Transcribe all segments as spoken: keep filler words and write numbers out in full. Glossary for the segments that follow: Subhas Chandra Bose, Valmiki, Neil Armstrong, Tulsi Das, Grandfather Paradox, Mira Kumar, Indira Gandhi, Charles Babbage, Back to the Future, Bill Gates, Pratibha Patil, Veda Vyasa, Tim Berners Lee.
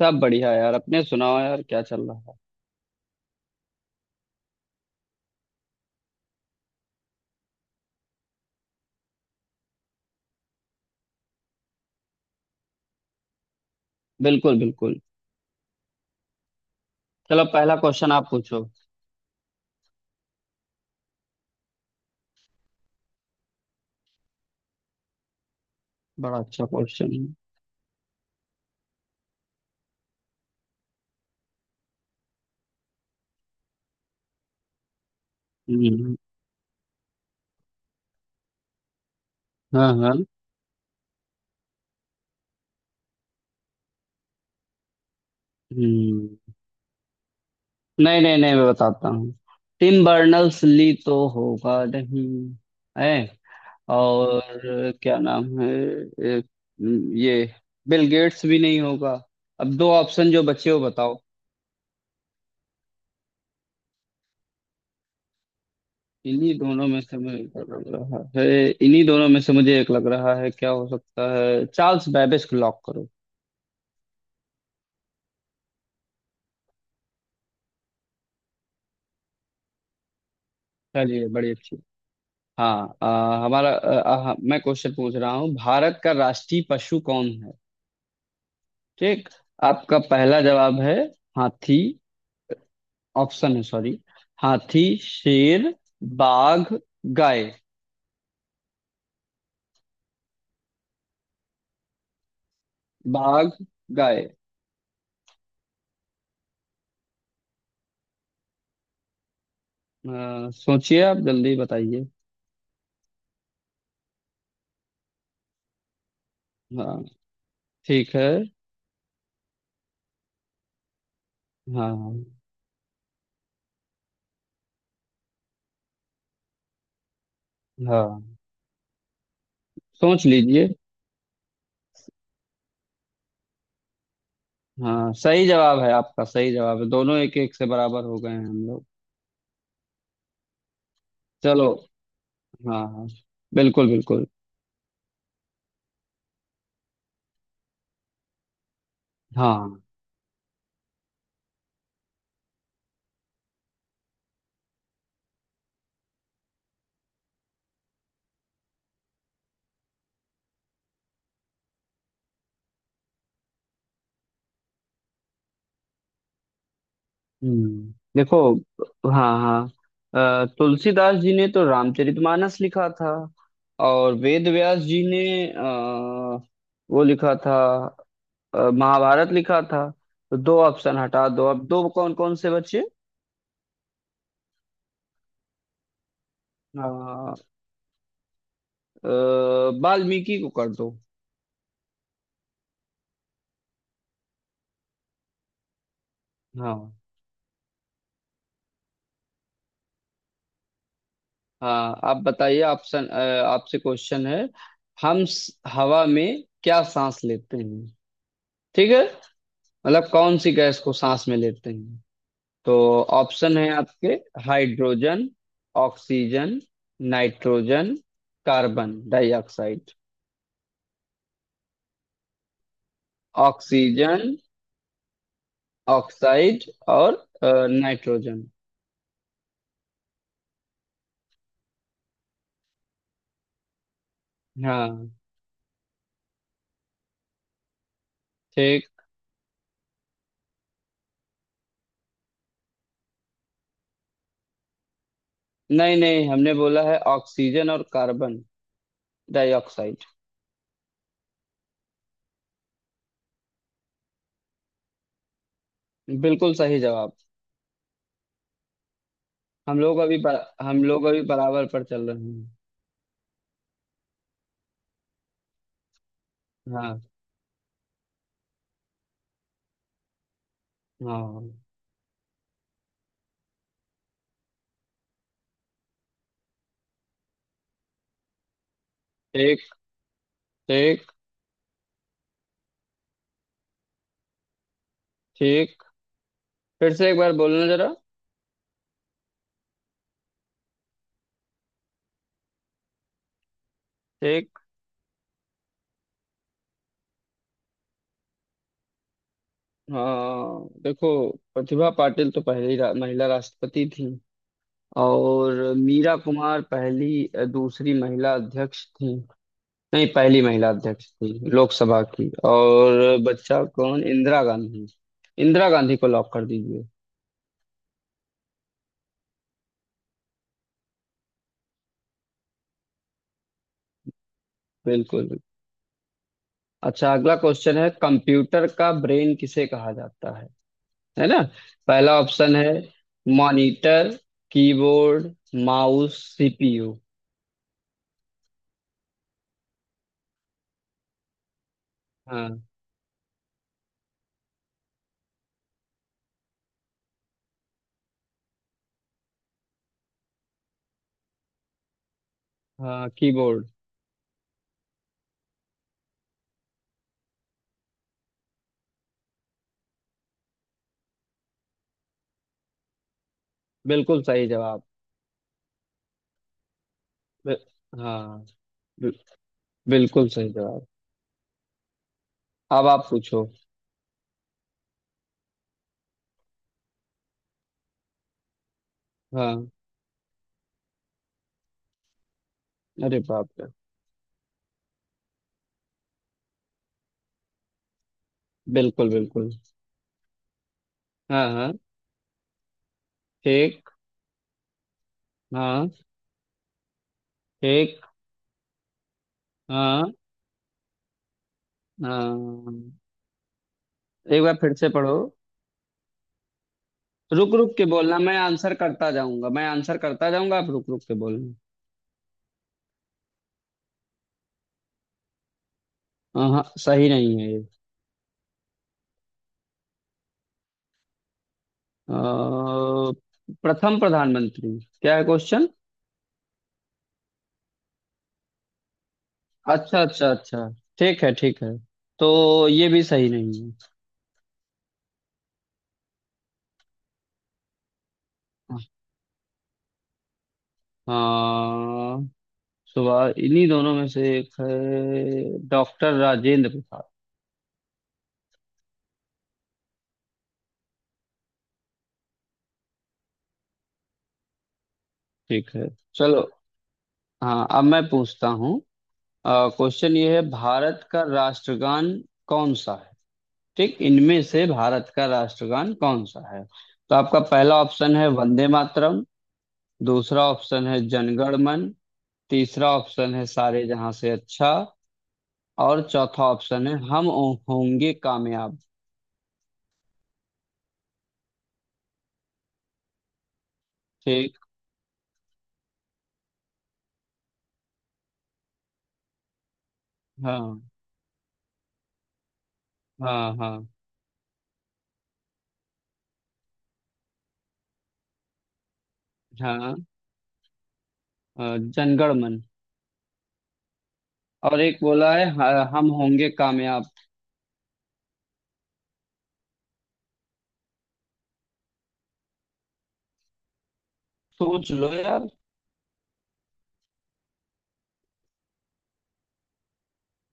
सब बढ़िया यार। अपने सुनाओ यार, क्या चल रहा है? बिल्कुल बिल्कुल। चलो, पहला क्वेश्चन आप पूछो। बड़ा अच्छा क्वेश्चन है। हम्म, हम्म। हाँ हाँ। हम्म नहीं नहीं नहीं, मैं बताता हूँ। टिम बर्नर्स ली तो होगा नहीं। है। और क्या नाम है? ए, ये बिल गेट्स भी नहीं होगा। अब दो ऑप्शन जो बचे हो बताओ। इन्हीं दोनों में से मुझे एक लग रहा है। इन्हीं दोनों में से मुझे एक लग रहा है, क्या हो सकता है? चार्ल्स बैबेज को लॉक करो। चलिए बड़ी अच्छी। हाँ, आ, हमारा आ, आ, मैं क्वेश्चन पूछ रहा हूँ। भारत का राष्ट्रीय पशु कौन है? ठीक। आपका पहला जवाब है हाथी। ऑप्शन है, सॉरी। हाथी, शेर, बाघ, गाय। बाघ, गाय। आ, सोचिए, आप जल्दी बताइए। हाँ ठीक है। हाँ हाँ। सोच लीजिए। हाँ सही जवाब है आपका, सही जवाब है। दोनों एक एक से बराबर हो गए हैं हम लोग। चलो। हाँ हाँ। बिल्कुल बिल्कुल। हाँ। हम्म, देखो। हाँ हाँ। अ, तुलसीदास जी ने तो रामचरितमानस लिखा था। और वेद व्यास जी ने अ, वो लिखा था, अ, महाभारत लिखा था। तो दो ऑप्शन हटा दो, अब दो कौन कौन से बचे? अ, अ, वाल्मीकि को कर दो। हाँ। हाँ आप बताइए ऑप्शन। अ, आपसे क्वेश्चन है। हम स- हवा में क्या सांस लेते हैं? ठीक है? मतलब कौन सी गैस को सांस में लेते हैं? तो ऑप्शन है आपके। Hydrogen, oxygen, nitrogen, carbon dioxide. Oxygen. Oxide. और अ, नाइट्रोजन। हाँ ठीक। नहीं नहीं, हमने बोला है ऑक्सीजन और कार्बन डाइऑक्साइड। बिल्कुल सही जवाब। हम लोग अभी बर, हम लोग अभी बराबर पर चल रहे हैं। हाँ। हाँ। ठीक। ठीक। ठीक। फिर से एक बार बोलना जरा। ठीक। हाँ देखो, प्रतिभा पाटिल तो पहली रा, महिला राष्ट्रपति थी। और मीरा कुमार पहली दूसरी महिला अध्यक्ष थी। नहीं, पहली महिला अध्यक्ष थी लोकसभा की। और बच्चा कौन? इंदिरा गांधी। इंदिरा गांधी को लॉक कर दीजिए। बिल्कुल। अच्छा, अगला क्वेश्चन है, कंप्यूटर का ब्रेन किसे कहा जाता है? है ना? पहला ऑप्शन है मॉनिटर, कीबोर्ड, माउस, सीपीयू। हाँ। हाँ कीबोर्ड। बिल्कुल सही जवाब। बि- हाँ। बि- बिल्कुल सही जवाब। अब आप पूछो। हाँ। अरे बाप रे। बिल्कुल बिल्कुल। हाँ हाँ। ठीक। हाँ ठीक। हाँ हाँ। एक बार फिर से पढ़ो। रुक रुक के बोलना, मैं आंसर करता जाऊंगा। मैं आंसर करता जाऊंगा, आप रुक रुक के बोलना। हाँ हाँ, सही नहीं है ये। अ, प्रथम प्रधानमंत्री क्या है क्वेश्चन? अच्छा अच्छा अच्छा, ठीक है ठीक है। तो ये भी सही नहीं है। हाँ। सुभाष, इन्हीं दोनों में से एक है। डॉक्टर राजेंद्र प्रसाद। ठीक है। चलो। हाँ अब मैं पूछता हूँ। क्वेश्चन ये है, भारत का राष्ट्रगान कौन सा है? ठीक, इनमें से भारत का राष्ट्रगान कौन सा है? तो आपका पहला ऑप्शन है वंदे मातरम। दूसरा ऑप्शन है जनगण मन। तीसरा ऑप्शन है सारे जहां से अच्छा। और चौथा ऑप्शन है हम होंगे कामयाब। ठीक। हाँ हाँ। हाँ हाँ। अ, जनगण मन। और एक बोला है "ह- हम होंगे कामयाब। सोच लो यार।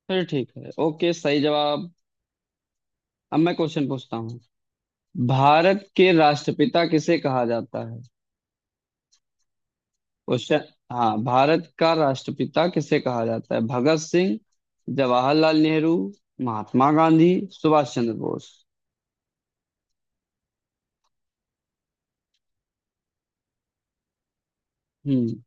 फिर ठीक है, ओके सही जवाब। अब मैं क्वेश्चन पूछता हूँ। भारत के राष्ट्रपिता किसे कहा जाता है? क्वेश्चन। हाँ, भारत का राष्ट्रपिता किसे कहा जाता है? भगत सिंह, जवाहरलाल नेहरू, महात्मा गांधी, सुभाष चंद्र बोस। हम्म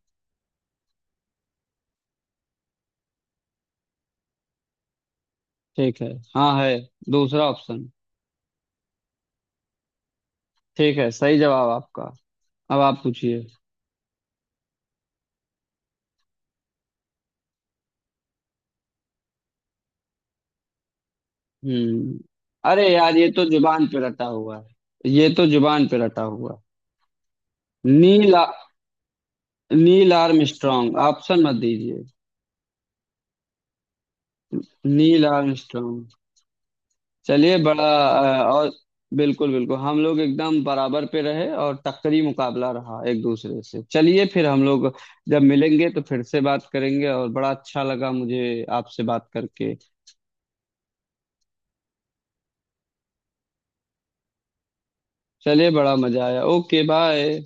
ठीक है। हाँ है। दूसरा ऑप्शन। ठीक है सही जवाब आपका। अब आप पूछिए। हम्म अरे यार, ये तो जुबान पे रटा हुआ है, ये तो जुबान पे रटा हुआ है। नील। नील आर्मस्ट्रांग, ऑप्शन मत दीजिए। Neil Armstrong. चलिए बड़ा। अ, और बिल्कुल बिल्कुल, हम लोग एकदम बराबर पे रहे और टक्करी मुकाबला रहा एक दूसरे से। चलिए फिर हम लोग जब मिलेंगे तो फिर से बात करेंगे। और बड़ा अच्छा लगा मुझे आपसे बात करके। चलिए बड़ा मजा आया। Okay bye.